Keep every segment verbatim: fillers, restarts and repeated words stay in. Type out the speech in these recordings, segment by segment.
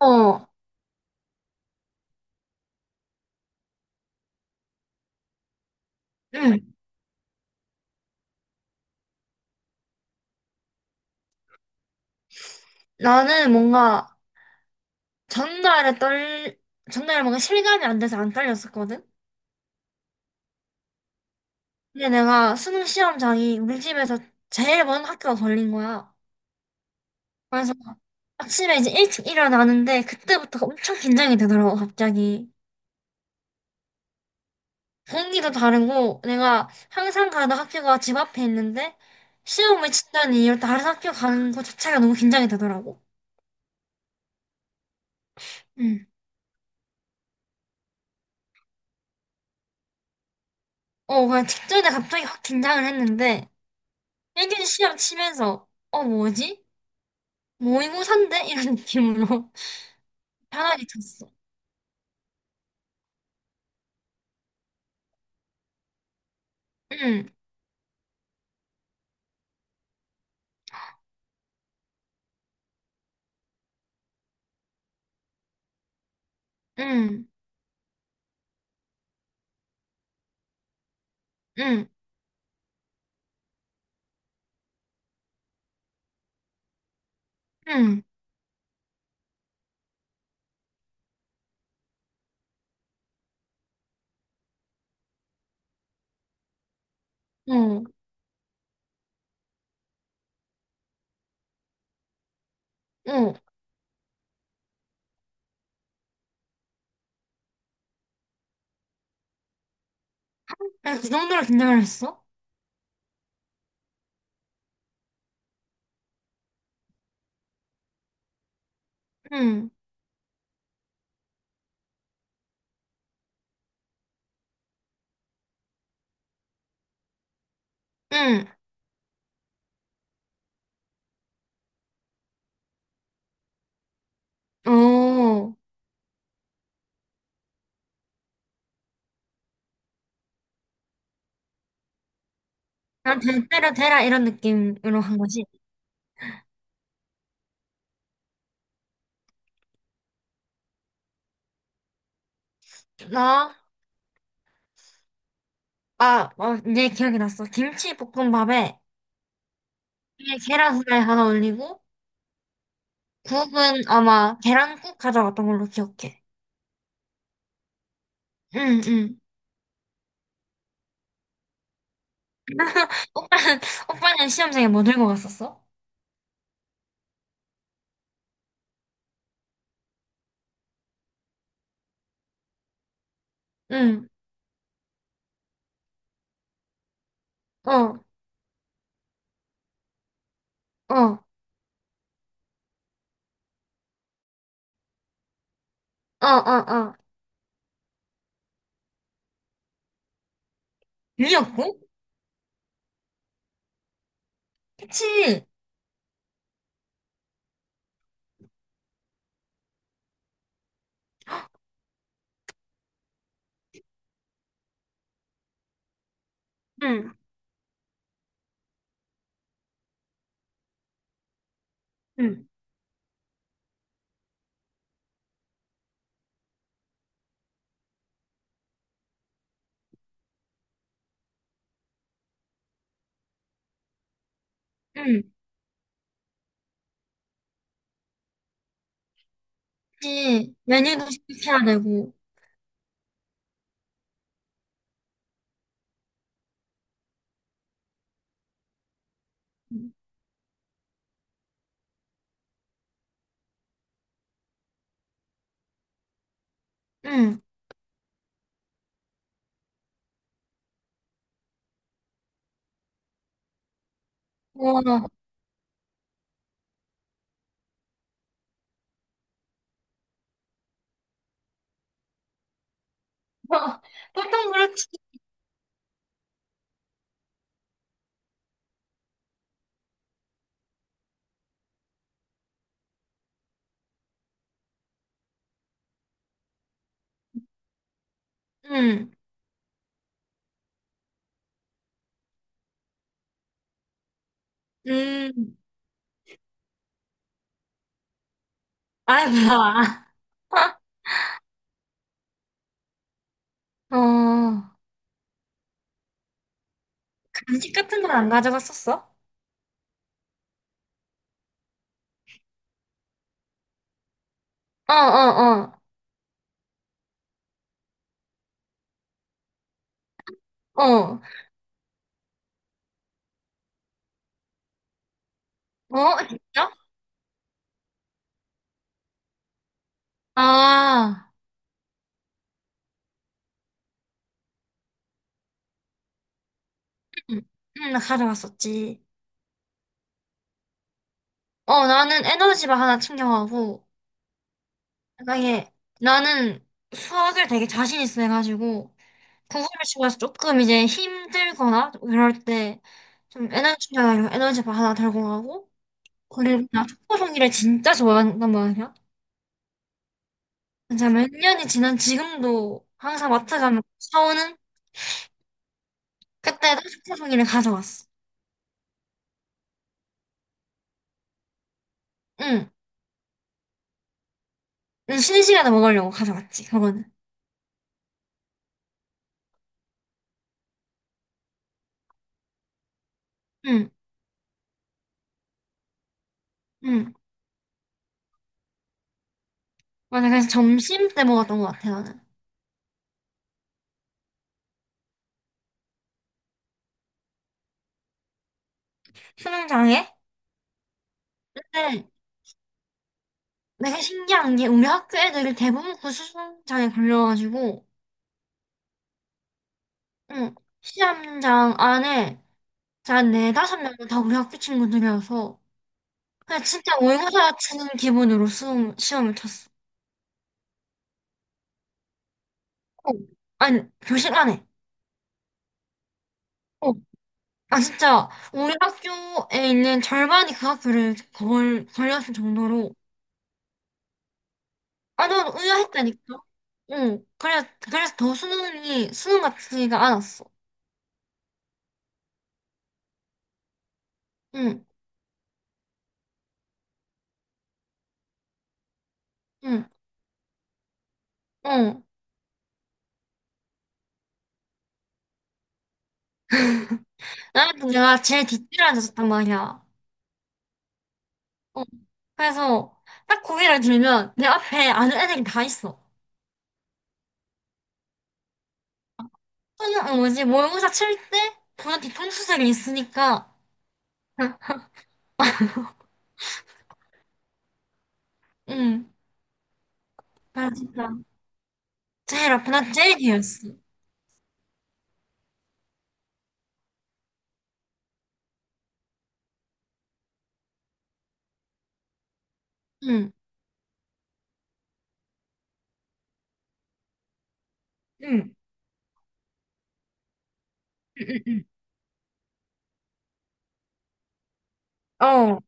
어, 응. 나는 뭔가 전날에 떨, 전날에 뭔가 실감이 안 돼서 안 떨렸었거든? 근데 내가 수능 시험장이 우리 집에서 제일 먼 학교가 걸린 거야. 그래서 아침에 이제 일찍 일어나는데 그때부터 엄청 긴장이 되더라고, 갑자기. 공기도 다르고 내가 항상 가던 학교가 집 앞에 있는데 시험을 친다는 이유로 다른 학교 가는 것 자체가 너무 긴장이 되더라고. 응. 어, 그냥 직전에 갑자기 확 긴장을 했는데 일 년 시험 치면서 어, 뭐지? 모의고사인데? 이런 느낌으로 편하게 쳤어. 응, 응, 응, 응, 어, 어. 난그 정도로 긴장을 했어? 응, 응, 어. 난 대대로 되라 이런 느낌으로 한 거지. 나, 아, 어, 이 기억이 났어. 김치볶음밥에 위에 계란 후라이 하나 올리고 국은 아마 계란국 가져갔던 걸로 기억해. 응, 응. 오빠는, 오빠는 시험장에 뭐 들고 갔었어? 응, 어, 어, 어, 어, 어. 미역국? 그치. 응, 응, 응. 그치. 메뉴도 시켜야 되고. 응. 와. 보통 그렇지. 응. 응. 아이, 뭐야. 어. 간식 같은 건 안 가져갔었어? 어, 어, 어. 어. 어, 진짜? 아. 응, 응, 나 가져갔었지. 어, 나는 에너지바 하나 챙겨가고, 만약에 나는 수학을 되게 자신 있어 해가지고, 선생님 집에서 조금 이제 힘들거나 이럴 때 좀 에너지가 이런 에너지바 하나 들고 가고 그리고 나 초코 종이를 진짜 좋아한단 말이야. 정말 일 년이 지난 지금도 항상 마트 가면 사오는, 그때도 초코 종이를 가져왔어. 응. 근데 쉬는 시간에 먹으려고 가져왔지 그거는. 응. 응. 맞아, 그래서 점심 때 먹었던 것 같아 나는. 수능장애? 근데 내가 신기한 게 우리 학교 애들이 대부분 그 수능장애 걸려가지고, 응, 시험장 안에 한 네다섯 명은 다 우리 학교 친구들이어서 그냥 진짜 모의고사 치는 기분으로 수험, 시험을 쳤어. 어, 아니, 교실 안에. 어. 아, 진짜 우리 학교에 있는 절반이 그 학교를 걸, 걸렸을 정도로. 아, 난 의아했다니까. 응, 그래, 그래서 더 수능이 수능 같지가 않았어. 응, 응, 응. 나는 내가 제일 뒷줄에 앉았단 말이야. 어, 그래서 딱 고개를 들면 내 앞에 아는 애들이 다 있어. 또는 어, 뭐지, 모의고사 칠 때 보다 뒤통수색이 있으니까. 응, 나 진짜 제일 아파. 나 제일 뒤였어. 응, 응, 응, 응, 응. 어,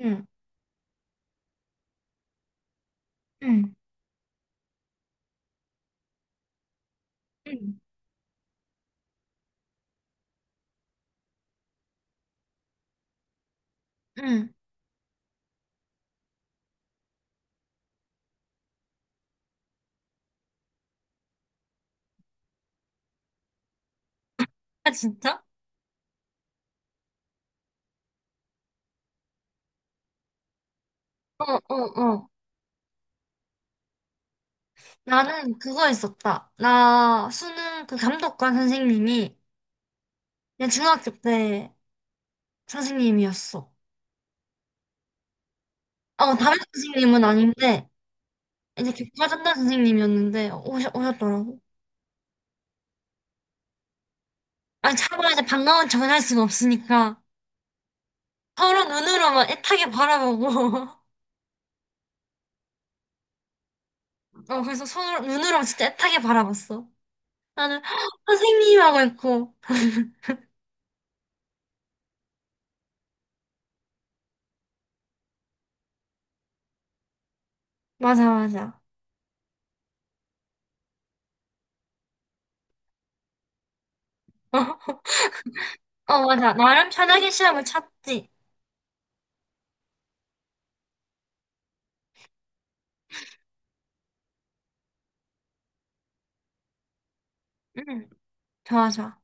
응, 응, 응, 응. 아, 진짜? 어, 어, 어. 나는 그거 있었다. 나 수능 그 감독관 선생님이 그냥 중학교 때 선생님이었어. 어, 담임 선생님은 아닌데, 이제 교과 전담 선생님이었는데, 오셨, 오셨더라고. 아니, 차마 이제 반가운 척은 할 수가 없으니까. 서로 눈으로만 애타게 바라보고. 어, 그래서 서로 눈으로 진짜 애타게 바라봤어. 나는 선생님, 하고 있고. 맞아, 맞아. 어, 맞아, 나름 편하게 시험을 쳤지. 응. 좋아, 좋아.